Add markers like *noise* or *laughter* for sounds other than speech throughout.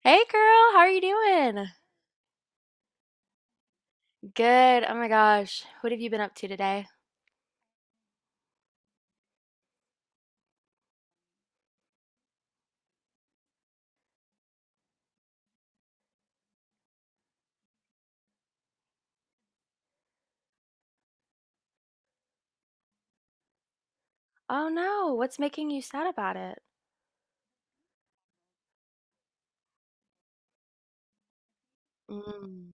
Hey girl, how are you doing? Good. Oh my gosh. What have you been up to today? Oh no, what's making you sad about it? Mm,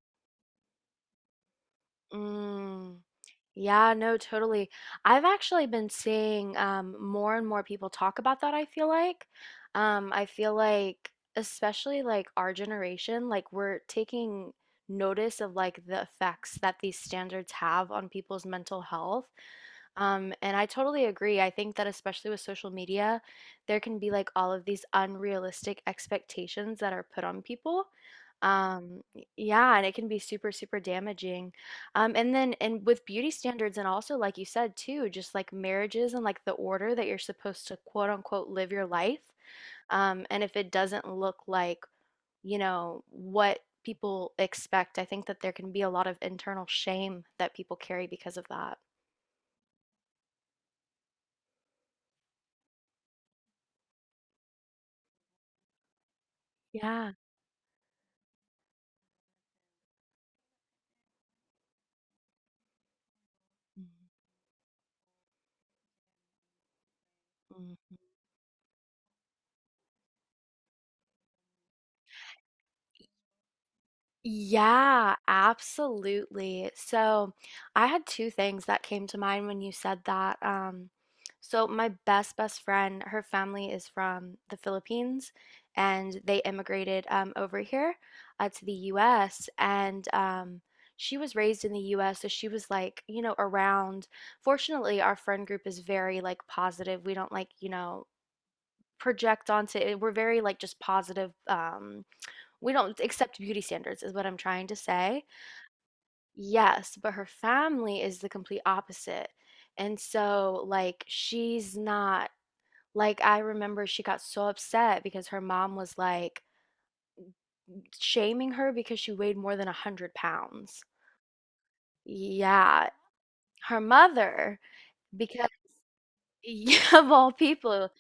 mm. Yeah, no, totally. I've actually been seeing more and more people talk about that, I feel like. I feel like, especially like our generation, like we're taking notice of like the effects that these standards have on people's mental health. And I totally agree. I think that especially with social media, there can be like all of these unrealistic expectations that are put on people. Yeah, and it can be super, super damaging. And then and with beauty standards and also like you said too, just like marriages and like the order that you're supposed to quote unquote live your life. And if it doesn't look like, you know, what people expect, I think that there can be a lot of internal shame that people carry because of that. Yeah. Mhm. Yeah, absolutely. So I had two things that came to mind when you said that. So my best friend, her family is from the Philippines, and they immigrated over here to the U.S. And she was raised in the U.S., so she was like, you know, around. Fortunately, our friend group is very like positive. We don't like, you know, project onto it. We're very like just positive. We don't accept beauty standards, is what I'm trying to say. Yes, but her family is the complete opposite. And so, like, she's not, like, I remember she got so upset because her mom was like shaming her because she weighed more than 100 pounds. Yeah, her mother, because *laughs* of all people,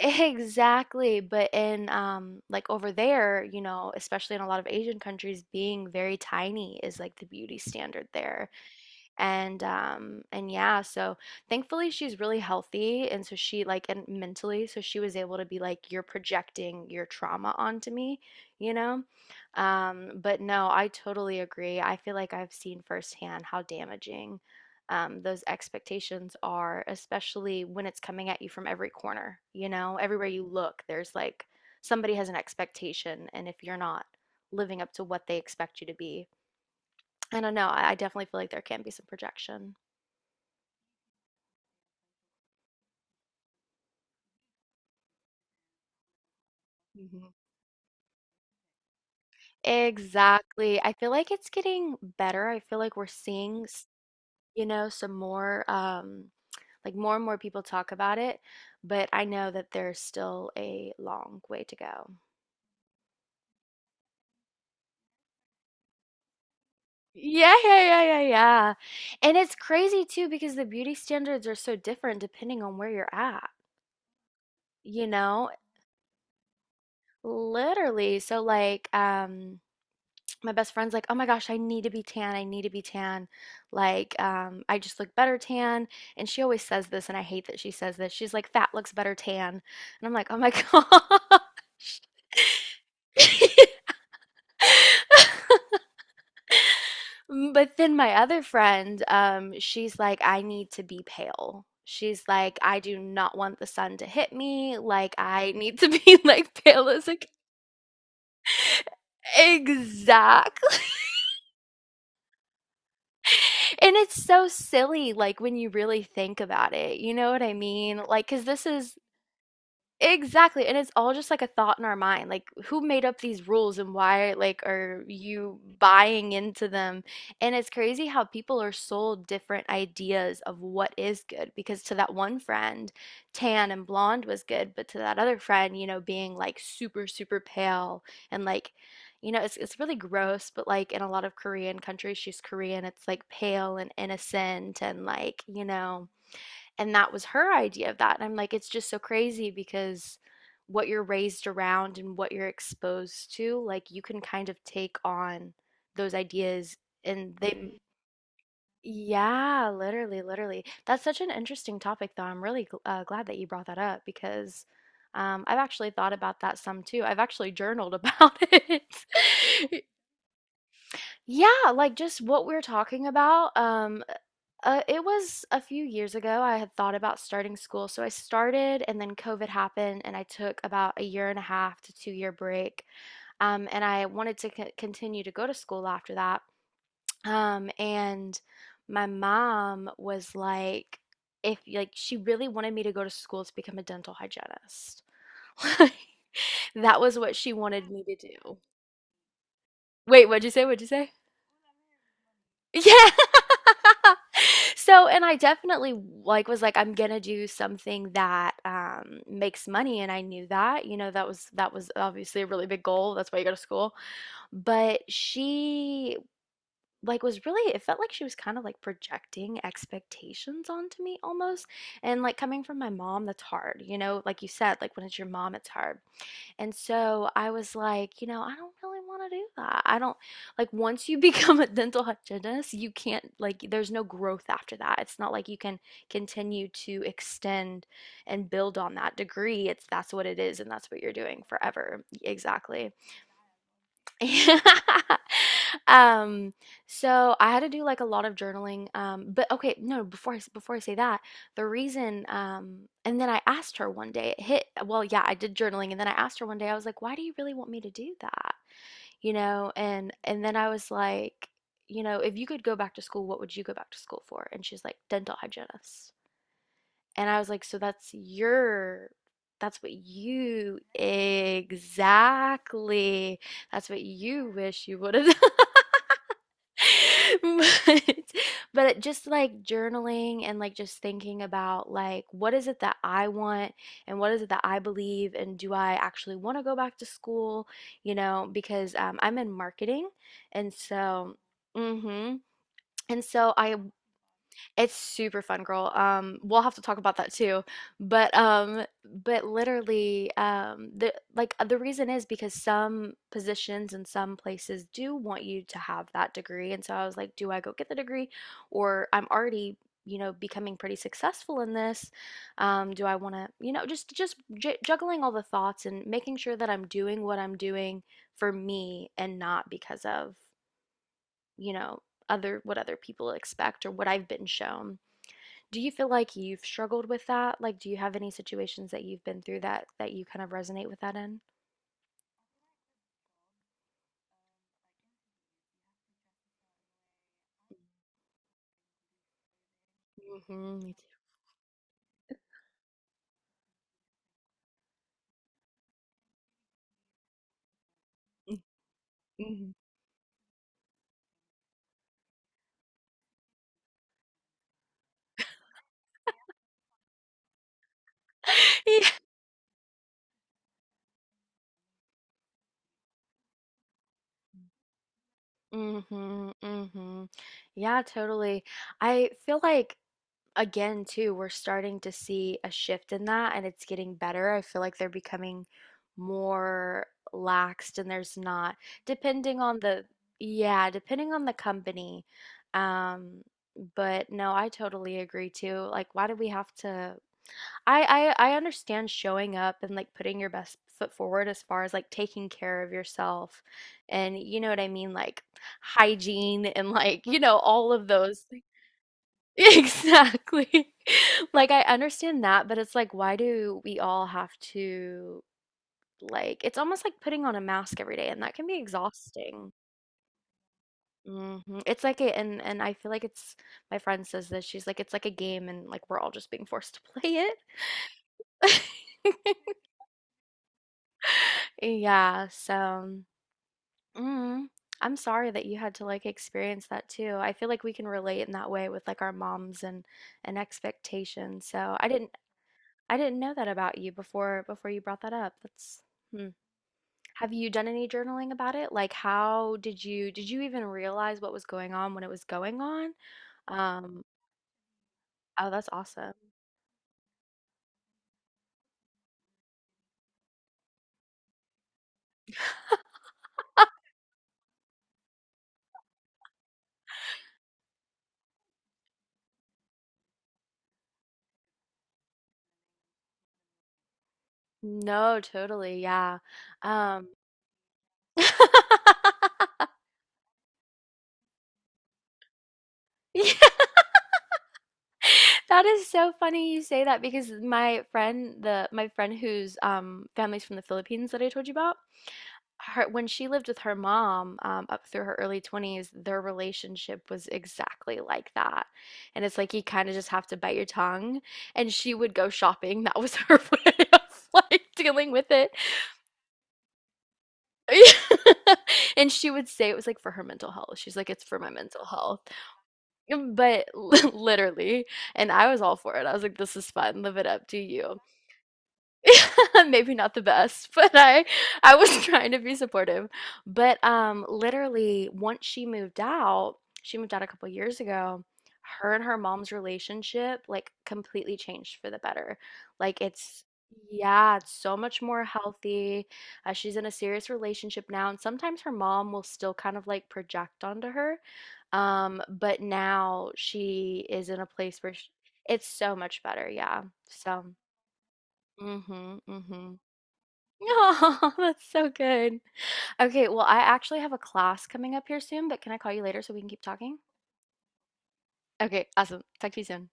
exactly. But in, like, over there, you know, especially in a lot of Asian countries, being very tiny is like the beauty standard there. And yeah, so thankfully she's really healthy and so she like and mentally so she was able to be like you're projecting your trauma onto me, you know? But no, I totally agree. I feel like I've seen firsthand how damaging those expectations are, especially when it's coming at you from every corner. You know, everywhere you look, there's like somebody has an expectation, and if you're not living up to what they expect you to be, I don't know. I definitely feel like there can be some projection. Mhm. Exactly. I feel like it's getting better. I feel like we're seeing, you know, some more, like more and more people talk about it, but I know that there's still a long way to go. Yeah, yeah, yeah, yeah, yeah. And it's crazy too because the beauty standards are so different depending on where you're at, you know, literally. So like, my best friend's like, "Oh my gosh, I need to be tan. I need to be tan. Like, I just look better tan." And she always says this, and I hate that she says this. She's like, "Fat looks better tan," and I'm like, "Oh my gosh." *laughs* But then my other friend, she's like, I need to be pale. She's like, I do not want the sun to hit me. Like, I need to be *laughs* like pale as like exactly. And it's so silly, like, when you really think about it, you know what I mean? Like, cause this is exactly, and it's all just like a thought in our mind. Like, who made up these rules and why, like, are you buying into them? And it's crazy how people are sold different ideas of what is good because to that one friend, tan and blonde was good, but to that other friend, you know, being like super, super pale and like, you know, it's really gross, but like in a lot of Korean countries, she's Korean, it's like pale and innocent and like, you know, and that was her idea of that. And I'm like, it's just so crazy because what you're raised around and what you're exposed to, like you can kind of take on those ideas and they, yeah, literally, literally. That's such an interesting topic, though. I'm really glad that you brought that up because I've actually thought about that some too. I've actually journaled about *laughs* it. *laughs* Yeah, like just what we're talking about. It was a few years ago. I had thought about starting school. So I started, and then COVID happened, and I took about a year and a half to two year break. And I wanted to continue to go to school after that. And my mom was like, if like she really wanted me to go to school to become a dental hygienist. *laughs* That was what she wanted me to do. Wait, what'd you say? What'd you say? Yeah. *laughs* So, and I definitely like was like, I'm gonna do something that makes money, and I knew that, you know, that was obviously a really big goal. That's why you go to school. But she like was really, it felt like she was kind of like projecting expectations onto me almost. And like coming from my mom, that's hard, you know, like you said, like when it's your mom, it's hard. And so I was like, you know, I don't really want to do that. I don't like once you *laughs* become a dental hygienist, you can't like there's no growth after that. It's not like you can continue to extend and build on that degree. It's that's what it is and that's what you're doing forever. Exactly. *laughs* Um, so I had to do like a lot of journaling. But okay, no, before I say that, the reason, and then I asked her one day, it hit, well, yeah, I did journaling, and then I asked her one day, I was like, why do you really want me to do that? You know, and then I was like, you know, if you could go back to school, what would you go back to school for? And she's like, dental hygienist. And I was like, so that's your, that's what you exactly, that's what you wish you would have done. *laughs* But, but just like journaling and like just thinking about like what is it that I want and what is it that I believe and do I actually want to go back to school, you know, because I'm in marketing and so, mm-hmm. And so I it's super fun, girl. We'll have to talk about that too. But um, but literally, the like the reason is because some positions and some places do want you to have that degree. And so I was like, do I go get the degree, or I'm already, you know, becoming pretty successful in this? Do I want to, you know, just j juggling all the thoughts and making sure that I'm doing what I'm doing for me and not because of, you know, other what other people expect or what I've been shown. Do you feel like you've struggled with that? Like, do you have any situations that you've been through that you kind of resonate with that in? Mm-hmm. Mm-hmm. *laughs* Yeah. Mm-hmm. Mm-hmm. Yeah, totally. I feel like again too, we're starting to see a shift in that and it's getting better. I feel like they're becoming more laxed and there's not depending on the yeah, depending on the company. Um, but no, I totally agree too. Like, why do we have to I understand showing up and like putting your best foot forward as far as like taking care of yourself and you know what I mean, like hygiene and like, you know, all of those things. *laughs* Exactly. *laughs* Like I understand that, but it's like why do we all have to like it's almost like putting on a mask every day and that can be exhausting. Hmm. It's like a, and I feel like it's my friend says this. She's like it's like a game and like we're all just being forced to play it. *laughs* Yeah, so mm, I'm sorry that you had to like experience that too. I feel like we can relate in that way with like our moms and expectations. So I didn't know that about you before you brought that up. That's hmm. Have you done any journaling about it? Like how did you even realize what was going on when it was going on? Um, oh, that's awesome. No, totally. Yeah. Um *laughs* *laughs* That is so funny you say that because my friend, the my friend whose family's from the Philippines that I told you about, her when she lived with her mom up through her early 20s, their relationship was exactly like that. And it's like you kind of just have to bite your tongue. And she would go shopping. *laughs* That was her *laughs* way of like dealing with it. *laughs* And she would say it was like for her mental health. She's like, it's for my mental health. But *laughs* literally, and I was all for it. I was like, this is fun. Live it up. Do you. *laughs* maybe not the best, *laughs* but I was trying to be supportive. But literally once she moved out a couple years ago, her and her mom's relationship like completely changed for the better. Like it's yeah, it's so much more healthy. She's in a serious relationship now, and sometimes her mom will still kind of like project onto her. But now she is in a place where sh it's so much better, yeah. So, mm-hmm, mm-hmm. Oh, *laughs* that's so good. Okay, well, I actually have a class coming up here soon, but can I call you later so we can keep talking? Okay, awesome. Talk to you soon.